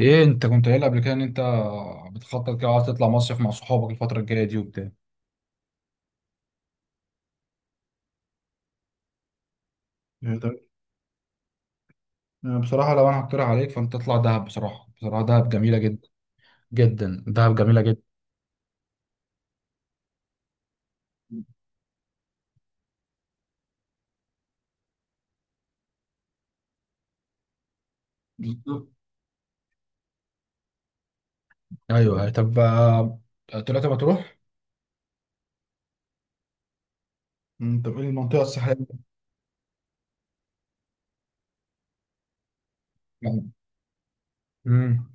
ايه انت كنت قايل قبل كده ان انت بتخطط كده عايز تطلع مصيف مع صحابك الفترة الجاية دي وبتاع يعني ده- أنا بصراحة لو انا هقترح عليك فانت تطلع دهب بصراحة، بصراحة دهب جميلة جدا جدا، دهب جميلة جدا. بالظبط، ايوه طب طلعت مطروح. انت بتقول المنطقه الساحليه؟ امم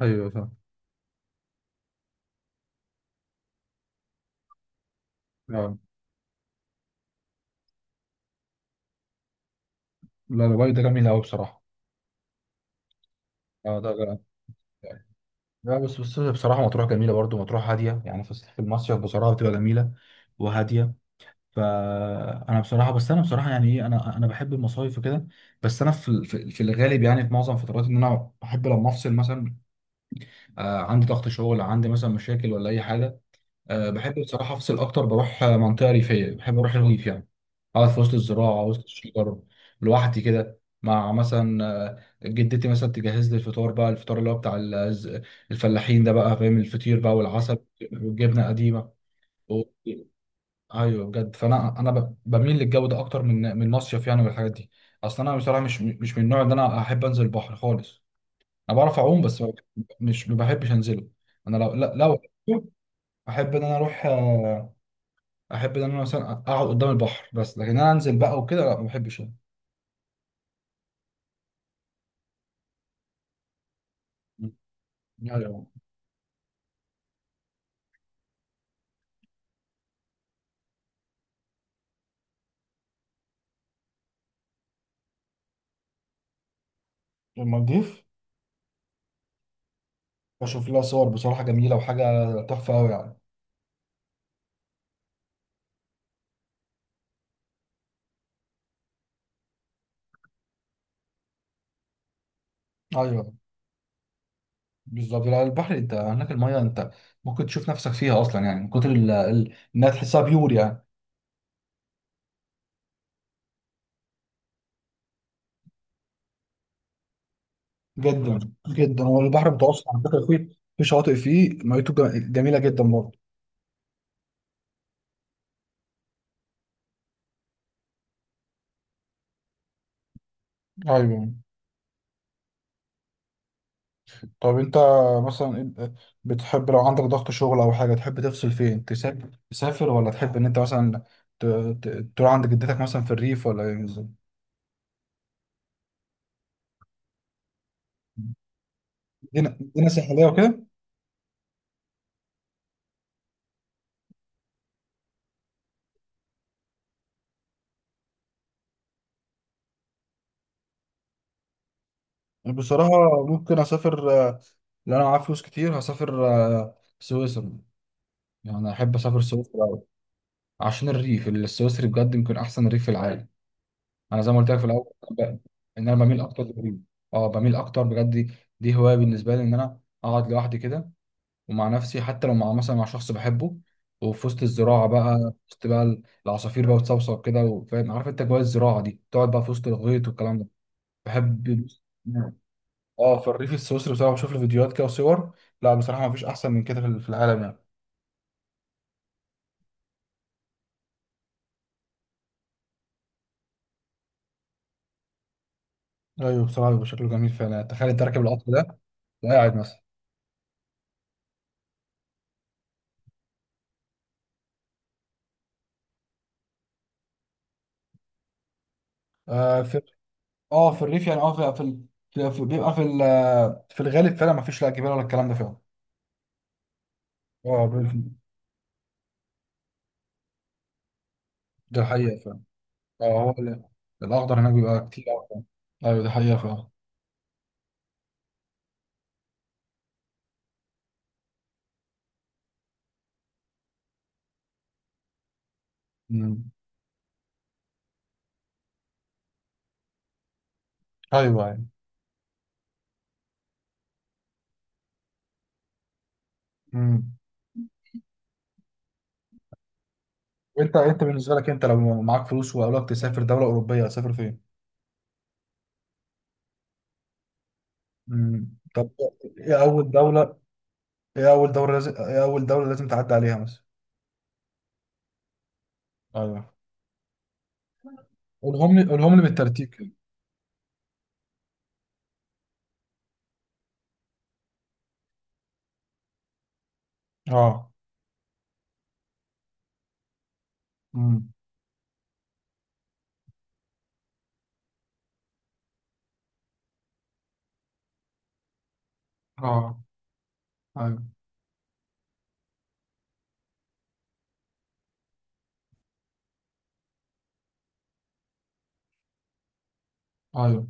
ايوه فاهم. آه، لا الواي ده جميل قوي بصراحة. اه ده ده- لا بس بصراحة مطروح جميلة برضو، مطروح هادية، يعني في المصيف بصراحة بتبقى جميلة وهادية. فانا بصراحه، بس انا بصراحه يعني ايه، انا بحب المصايف وكده، بس انا في الغالب يعني في معظم فترات ان انا بحب لما افصل مثلا، آه عندي ضغط شغل، عندي مثلا مشاكل ولا اي حاجه، آه بحب بصراحه افصل اكتر، بروح منطقه ريفيه، بحب اروح الريف يعني، اقعد في وسط الزراعه وسط الشجر، لوحدي كده مع مثلا جدتي، مثلا تجهز لي الفطار بقى، الفطار اللي هو بتاع الفلاحين ده بقى، فاهم، الفطير بقى والعسل والجبنه قديمه. ايوه بجد، فانا انا بميل للجو ده اكتر من مصيف يعني والحاجات دي. اصل انا بصراحه مش من النوع اللي انا احب انزل البحر خالص. انا بعرف اعوم بس مش، ما بحبش انزله. انا لو لا- لو احب ان انا اروح احب ان انا مثلا اقعد قدام البحر، بس لكن انا انزل بقى وكده لا ما بحبش أنا. ايوه المالديف، بشوف لها صور بصراحه جميله وحاجه تحفه قوي يعني. ايوه بالظبط، لا، البحر انت هناك الميه انت ممكن تشوف نفسك فيها اصلا يعني من كتر انها تحسها بيور يعني. جدا جدا. هو البحر المتوسط على فكره فيه، في شواطئ فيه ميته جميله جدا برضه. ايوه. طب انت مثلا، إنت بتحب لو عندك ضغط شغل او حاجه تحب تفصل فين، تسافر تسافر، ولا تحب ان انت مثلا ت- تروح عند جدتك مثلا في الريف، ولا إيه بالظبط؟ مدينه، مدينه ساحليه وكده؟ بصراحه ممكن اسافر لو انا معايا فلوس كتير هسافر سويسرا، يعني احب اسافر سويسرا أوي. عشان الريف السويسري بجد يمكن احسن ريف في العالم. انا زي ما قلت لك في الاول ب- ان انا بميل اكتر للهدوء. اه بميل اكتر بجد، دي دي هوايه بالنسبه لي ان انا اقعد لوحدي كده ومع نفسي، حتى لو مع مثلا مع شخص بحبه، وفي وسط الزراعه بقى، في وسط بقى العصافير بقى بتصوصو كده، وفاهم عارف انت جوه الزراعه دي تقعد بقى في وسط الغيط والكلام ده، بحب. اه في الريف السويسري بصراحه بشوف له فيديوهات كده وصور، لا بصراحه ما فيش احسن من كده في العالم يعني. ايوه بصراحه بيبقى شكله جميل فعلا، تخيل انت راكب القطر ده وقاعد مثلا. اه في الريف يعني، اه في في, بيبقى في الغالب فعلا ما فيش لا جبال ولا الكلام ده فعلا. اه بال- ده حقيقة فعلا. اه هو الاخضر هناك بيبقى كتير أوي فعلا. ايوه ده حقيقة فعلا. امم. ايوه ايوه. امم. وانت بالنسبة لك انت لو معاك فلوس وقالك تسافر دولة أوروبية هتسافر فين؟ طب، ايه أول دولة، ايه أول دولة لازم تعدي عليها مثلا؟ ايوه. قولهم لي بالترتيب كده. اه. امم. اه. ايوه. ايوه.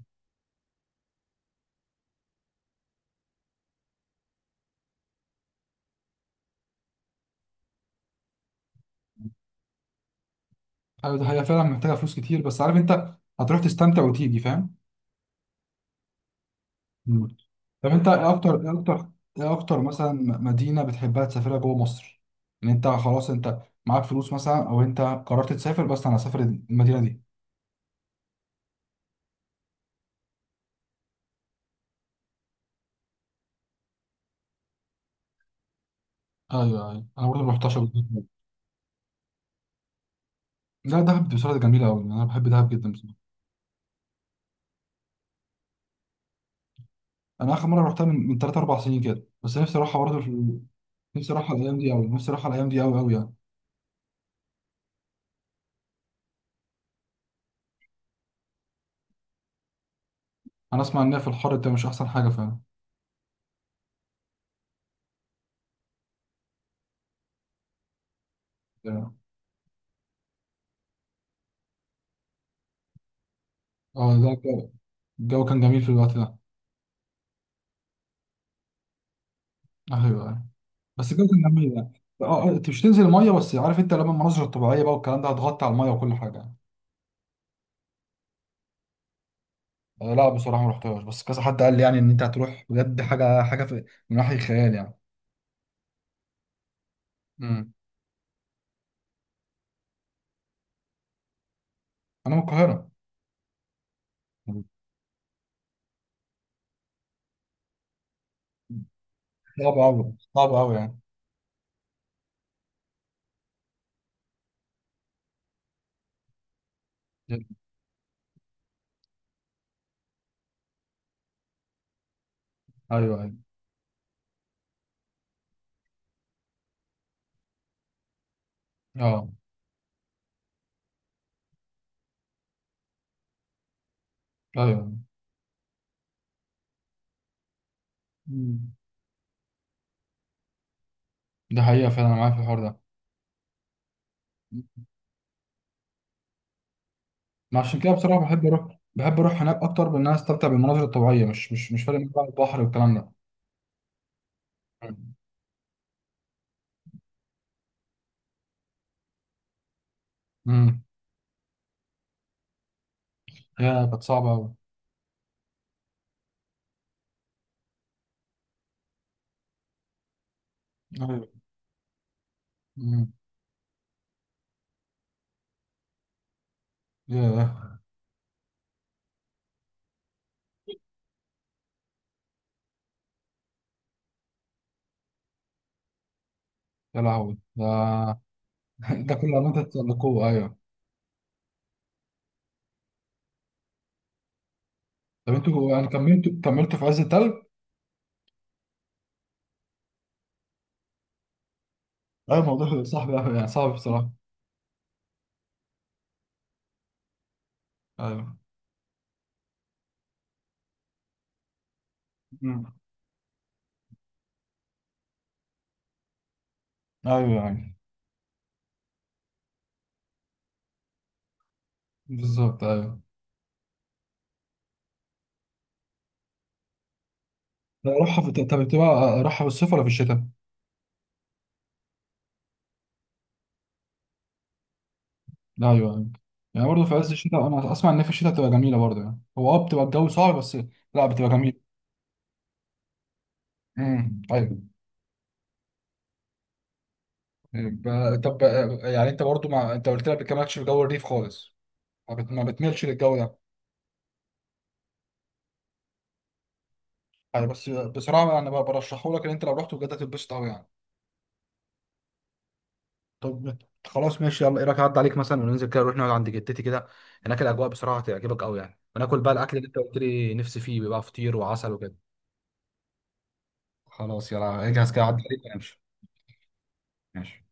ايوه دي حقيقة فعلا، محتاجة فلوس كتير، بس عارف انت هتروح تستمتع وتيجي، فاهم. مم. طب انت، ايه اكتر مثلا مدينة بتحبها تسافرها جوه مصر، ان انت خلاص انت معاك فلوس مثلا، او انت قررت تسافر، بس انا هسافر المدينة دي. ايوه ايوه انا برضه ما رحتش طب قبل كده. لا دهب دي بصراحة جميلة قوي، انا بحب دهب جدا بصراحة. انا اخر مرة رحتها من 3 4 سنين كده، بس نفسي اروحها برضه في نفسي اروحها الايام دي قوي، قوي يعني. انا اسمع ان هي في الحر ده مش احسن حاجة فعلا. اه ده الجو، الجو كان جميل في الوقت ده. ايوه أيوة. بس جوده الميه يعني. اه آه، انت مش تنزل الميه بس عارف انت لما المناظر الطبيعيه بقى والكلام ده هتغطي على الميه وكل حاجه يعني. آه لا بصراحه ما رحتهاش، بس كذا حد قال لي يعني ان انت هتروح بجد، حاجه في من وحي الخيال يعني. امم. انا من القاهره. مم. صعب قوي، صعب قوي يعني. ايوه ايوه. اه. ايوه. مم. ده حقيقه فعلا انا معاك في الحوار ده. ما عشان كده بصراحه بحب اروح، بحب اروح هناك اكتر، بان انا استمتع بالمناظر الطبيعيه، مش فارق معايا بقى البحر والكلام ده. امم. يا كانت صعبه قوي. ايوه. ياه. يا لهوي ده. ده كل ما انت تتسلقوه، ايوه. طب انتوا يعني كملتوا في عز التلج؟ ايوه الموضوع صعب أوي يعني صعب بصراحة. ايوه. مم. ايوه يعني. بالظبط ايوه. لا، راحة في، طب بتبقى راحة في الصيف ولا في الشتاء؟ لا ايوه يعني، يعني برضه في عز الشتاء انا اسمع ان في الشتاء بتبقى جميلة برضه يعني، هو اه بتبقى الجو صعب بس لا بتبقى جميلة. ايوه. طب يعني انت برضه مع... انت قلت لك ما بتكملش في جو الريف خالص، ما بتميلش للجو ده يعني. بس بصراحه انا بقى برشحه لك ان انت لو رحت بجد هتتبسط قوي يعني. طب خلاص ماشي، يلا ايه رايك اعدي عليك مثلا وننزل كده، نروح نقعد عند جدتي كده، هناك الاجواء بصراحه هتعجبك قوي يعني، وناكل بقى الاكل اللي انت قلت لي نفسي فيه، بيبقى فطير وعسل وكده. خلاص يلا اجهز كده، عدى عليك ونمشي. ماشي.